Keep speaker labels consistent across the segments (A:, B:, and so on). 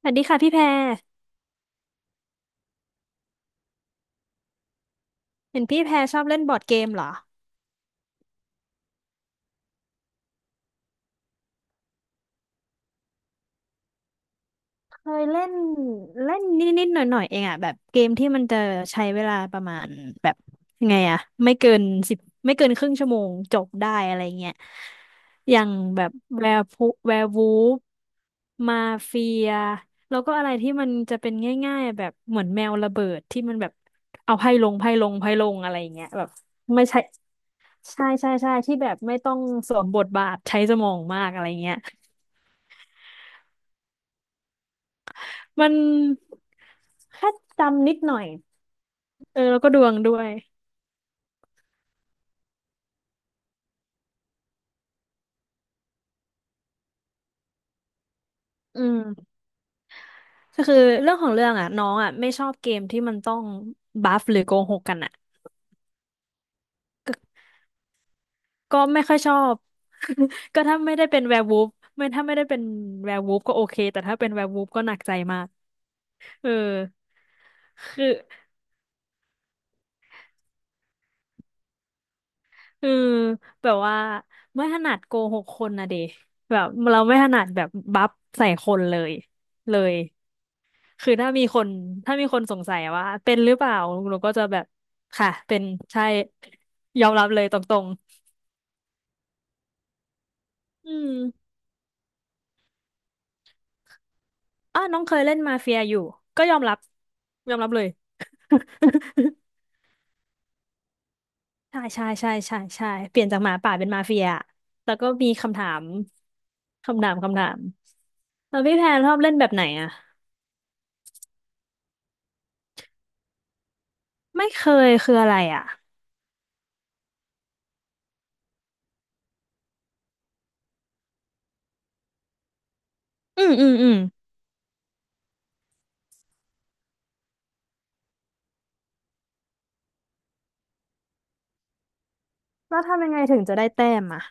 A: สวัสดีค่ะพี่แพรเห็นพี่แพรชอบเล่นบอร์ดเกมเหรอเคยเล่นเล่นนิดๆหน่อยๆเองอ่ะแบบเกมที่มันจะใช้เวลาประมาณแบบยังไงอ่ะไม่เกิน10ไม่เกินครึ่งชั่วโมงจบได้อะไรเงี้ยอย่างแบบแวร์วูฟมาเฟียแล้วก็อะไรที่มันจะเป็นง่ายๆแบบเหมือนแมวระเบิดที่มันแบบเอาไพ่ลงไพ่ลงไพ่ลงอะไรเงี้ยแบบไม่ใช่ใช่ใช่ใช่ที่แบบไม่ต้องสวมบทบาทใช้สมองมากอะไรเงี้ย มันแค่จำนิดหน่อยเออแล้วก็ดวงด้วยอืมก็คือเรื่องของเรื่องอ่ะน้องอ่ะไม่ชอบเกมที่มันต้องบัฟหรือโกหกกันอ่ะก็ไม่ค่อยชอบ ก็ถ้าไม่ได้เป็นแวร์วูฟไม่ถ้าไม่ได้เป็นแวร์วูฟก็โอเคแต่ถ้าเป็นแวร์วูฟก็หนักใจมากเออคือเออแบบว่าไม่ถนัดโกหกคนนะเดแบบเราไม่ถนัดแบบบัฟใส่คนเลย คือถ้ามีคนสงสัยว่าเป็นหรือเปล่าหนูก็จะแบบค่ะเป็นใช่ยอมรับเลยตรงๆอืมอ้าวน้องเคยเล่นมาเฟียอยู่ก็ยอมรับยอมรับเลย ใช่ใช่ใช่ใช่ใช่เปลี่ยนจากหมาป่าเป็นมาเฟียแล้วก็มีคำถามแล้วพี่แพนชอบเล่นแบบไหนอ่ะไม่เคยคืออะไรอ่ะอืมอืมอืมแล้วทำยังไงถึงจะได้แต้มอ่ะ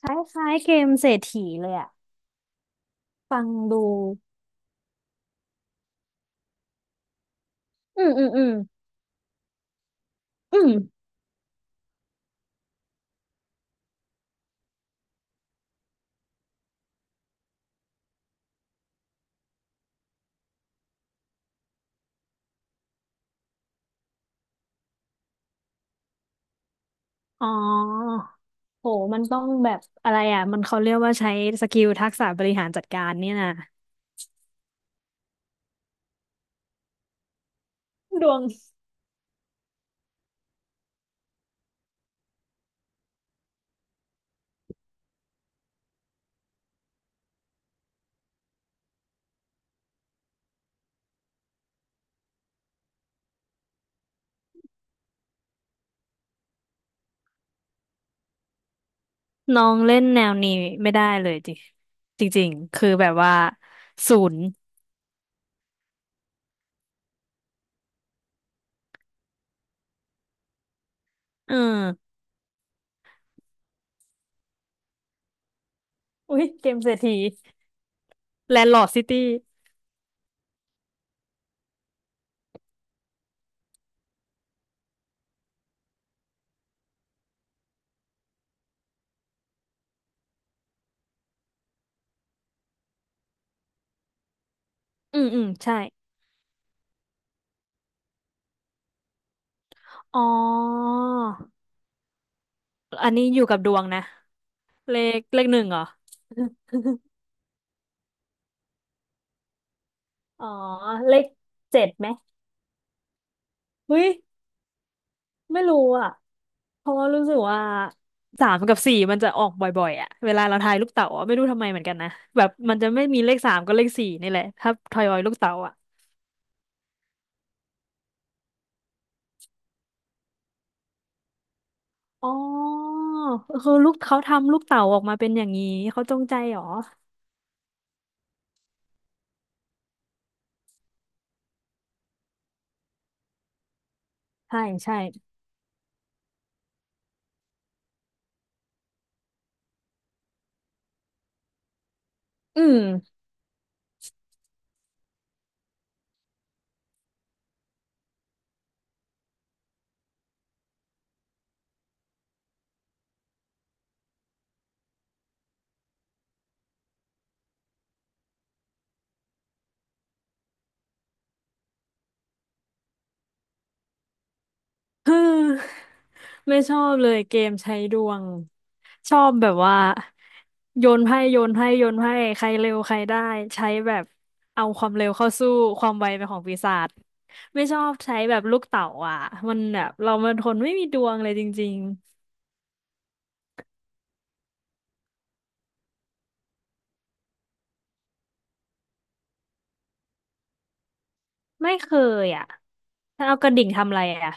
A: คล้ายๆเกมเศรษฐีเลยอ่ะฟังดูอืมอืมอืม อืม อ๋อ โห มันต้องแบบอะไรอ่ะ มันเขาเรียกว่าใช้สกิลทักษะบริหารจัดการเนี่ยนะดวงน้องเล่นแนวนี้ไม่ได้เลยจริงจริงๆคือแบบว่าศูนย์เอออุ้ยเกมเศรษฐีแลนด์ลอร์ดซิตี้ อืมอืมใช่ อ๋อ อันนี้อยู่กับดวงนะ เลขหนึ่งเหรอ อ๋อ เลข7ไหมเฮ้ยไม่รู้อ่ะ เพราะว่ารู้สึกว่าสามกับสี่มันจะออกบ่อยๆอ่ะเวลาเราทายลูกเต๋าอะไม่รู้ทำไมเหมือนกันนะแบบมันจะไม่มีเลขสามก็เลขสี่นี่แหละถ้าทอยอยลูกเต๋าอ่ะอ๋อคือลูกเขาทำลูกเต๋าออกมาเป็นอย่างนี้เขาจงใจเหรอใช่ใช่อืม ฮืมไม่ชอบเลยเกมใช้ดวงชอบแบบว่าโยนไพ่โยนไพ่โยนไพ่ใครเร็วใครได้ใช้แบบเอาความเร็วเข้าสู้ความไวเป็นของปีศาจไม่ชอบใช้แบบลูกเต๋าอ่ะมันแบบเรามันคนไม่มีดวงเลยจริงๆไม่เคยอ่ะถ้าเอากระดิ่งทำอะไรอ่ะ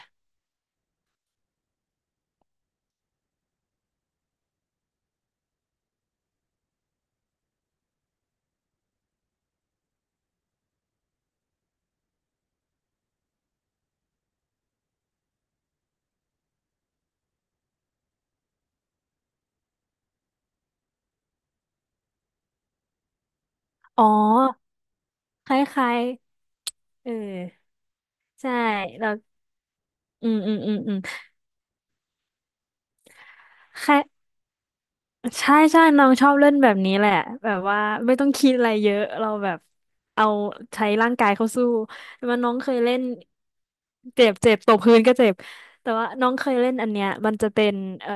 A: อ๋อคล้ายๆเออใช่แล้วอืมอืมอืมอืมคล้าย ใช่ใช่น้องชอบเล่นแบบนี้แหละแบบว่าไม่ต้องคิดอะไรเยอะ เราแบบเอาใช้ร่างกายเข้าสู้แต่ว่าน้องเคยเล่นเจ็บเจ็บตบพื้นก็เจ็บ แต่ว่าน้องเคยเล่นอันเนี้ยมันจะเป็นเอ่อ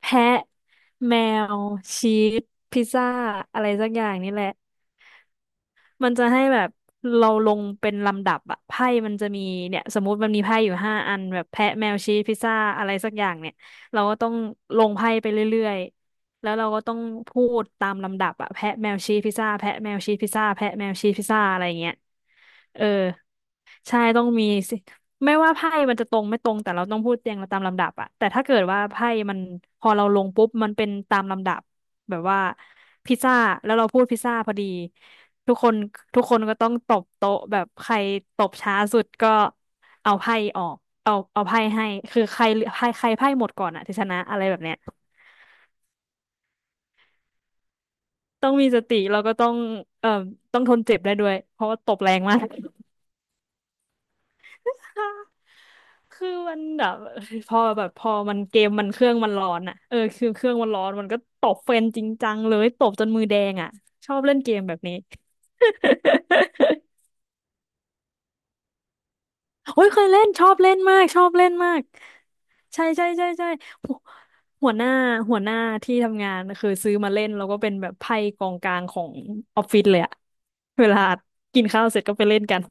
A: แพะแมวชีสพิซซ่าอะไรสักอย่างนี่แหละ มันจะให้แบบเราลงเป็นลำดับอะไพ่มันจะมีเนี่ยสมมุติมันมีไพ่อยู่5 อันแบบแพะแมวชีสพิซซ่าอะไรสักอย่างเนี่ยเราก็ต้องลงไพ่ไปเรื่อยๆแล้วเราก็ต้องพูดตามลำดับอะแพะแมวชีสพิซซ่าแพะแมวชีสพิซซ่าแพะแมวชีสพิซซ่าอะไรเงี้ยเออใช่ต้องมีสิไม่ว่าไพ่มันจะตรงไม่ตรงแต่เราต้องพูดเรียงตามลำดับอะแต่ถ้าเกิดว่าไพ่มันพอเราลงปุ๊บมันเป็นตามลำดับแบบว่าพิซซ่าแล้วเราพูดพิซซ่าพอดี ทุกคนทุกคนก็ต้องตบโต๊ะแบบใครตบช้าสุดก็เอาไพ่ออกเอาไพ่ให้คือใครใครใครไพ่หมดก่อนอะที่ชนะอะไรแบบเนี้ยต้องมีสติแล้วก็ต้องเอ่อต้องทนเจ็บได้ด้วยเพราะว่าตบแรงมาก คือมันแบบพอแบบพอมันเกมมันเครื่องมันร้อนอะเออคือเครื่องมันร้อนมันก็ตบเฟนจริงจังเลยตบจนมือแดงอะชอบเล่นเกมแบบนี้ โอ้ยเคยเล่นชอบเล่นมากชอบเล่นมากใช่ใช่ใช่ใช่หัวหัวหน้าหัวหน้าที่ทำงานคือซื้อมาเล่นแล้วก็เป็นแบบไพ่กองกลางของออฟฟิศเลยอะเวลากินข้าวเสร็จก็ไปเล่นกัน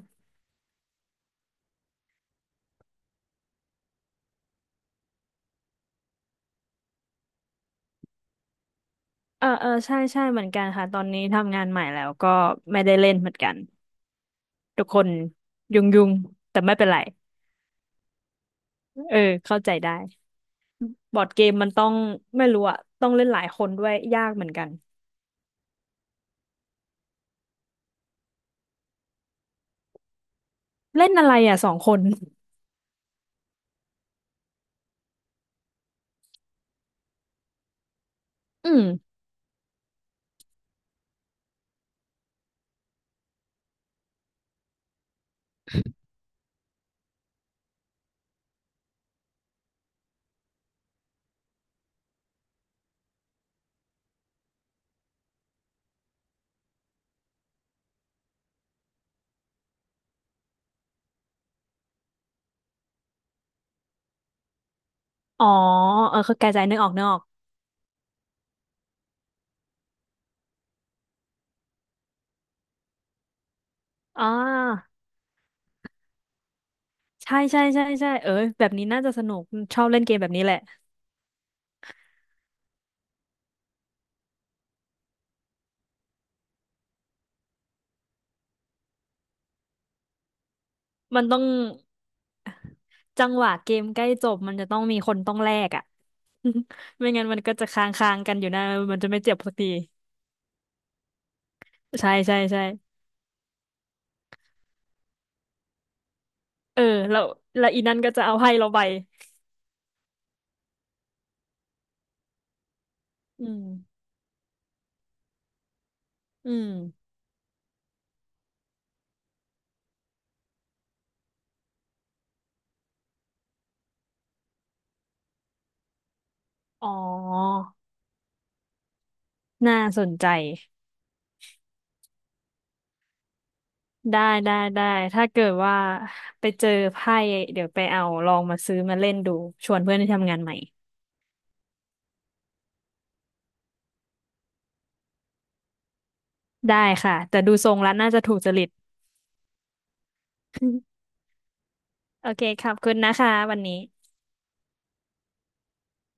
A: เออเออใช่ใช่เหมือนกันค่ะตอนนี้ทำงานใหม่แล้วก็ไม่ได้เล่นเหมือนกันทุกคนยุ่งยุ่งแต่ไม่เป็นไรเออเข้าใจได้บอร์ดเกมมันต้องไม่รู้อะต้องเล่นหลายคนด้วยยากเหมือนกันเล่นอะไรอะสองคนอืม อ๋อเออคือกระจายนึกออกนึกออกอ่าใช่ใช่ใช่ใช่เออแบบนี้น่าจะสนุกชอบเล่นเกมแบบนี้แหละมันต้องจังหวะเกมใกล้จบมันจะต้องมีคนต้องแลกอ่ะไม่งั้นมันก็จะค้างค้างกันอยู่นะมันจะไม่เจ็บสักทีใช่ใช่ใช่เออแล้วแล้วอีนั่นก็จะเอาให้เราไปอืมอืมอ๋อน่าสนใจได้ได้ได้ถ้าเกิดว่าไปเจอไพ่เดี๋ยวไปเอาลองมาซื้อมาเล่นดูชวนเพื่อนที่ทำงานใหม่ ได้ค่ะแต่ดูทรงแล้วน่าจะถูกจริต โอเคขอบคุณนะคะวันนี้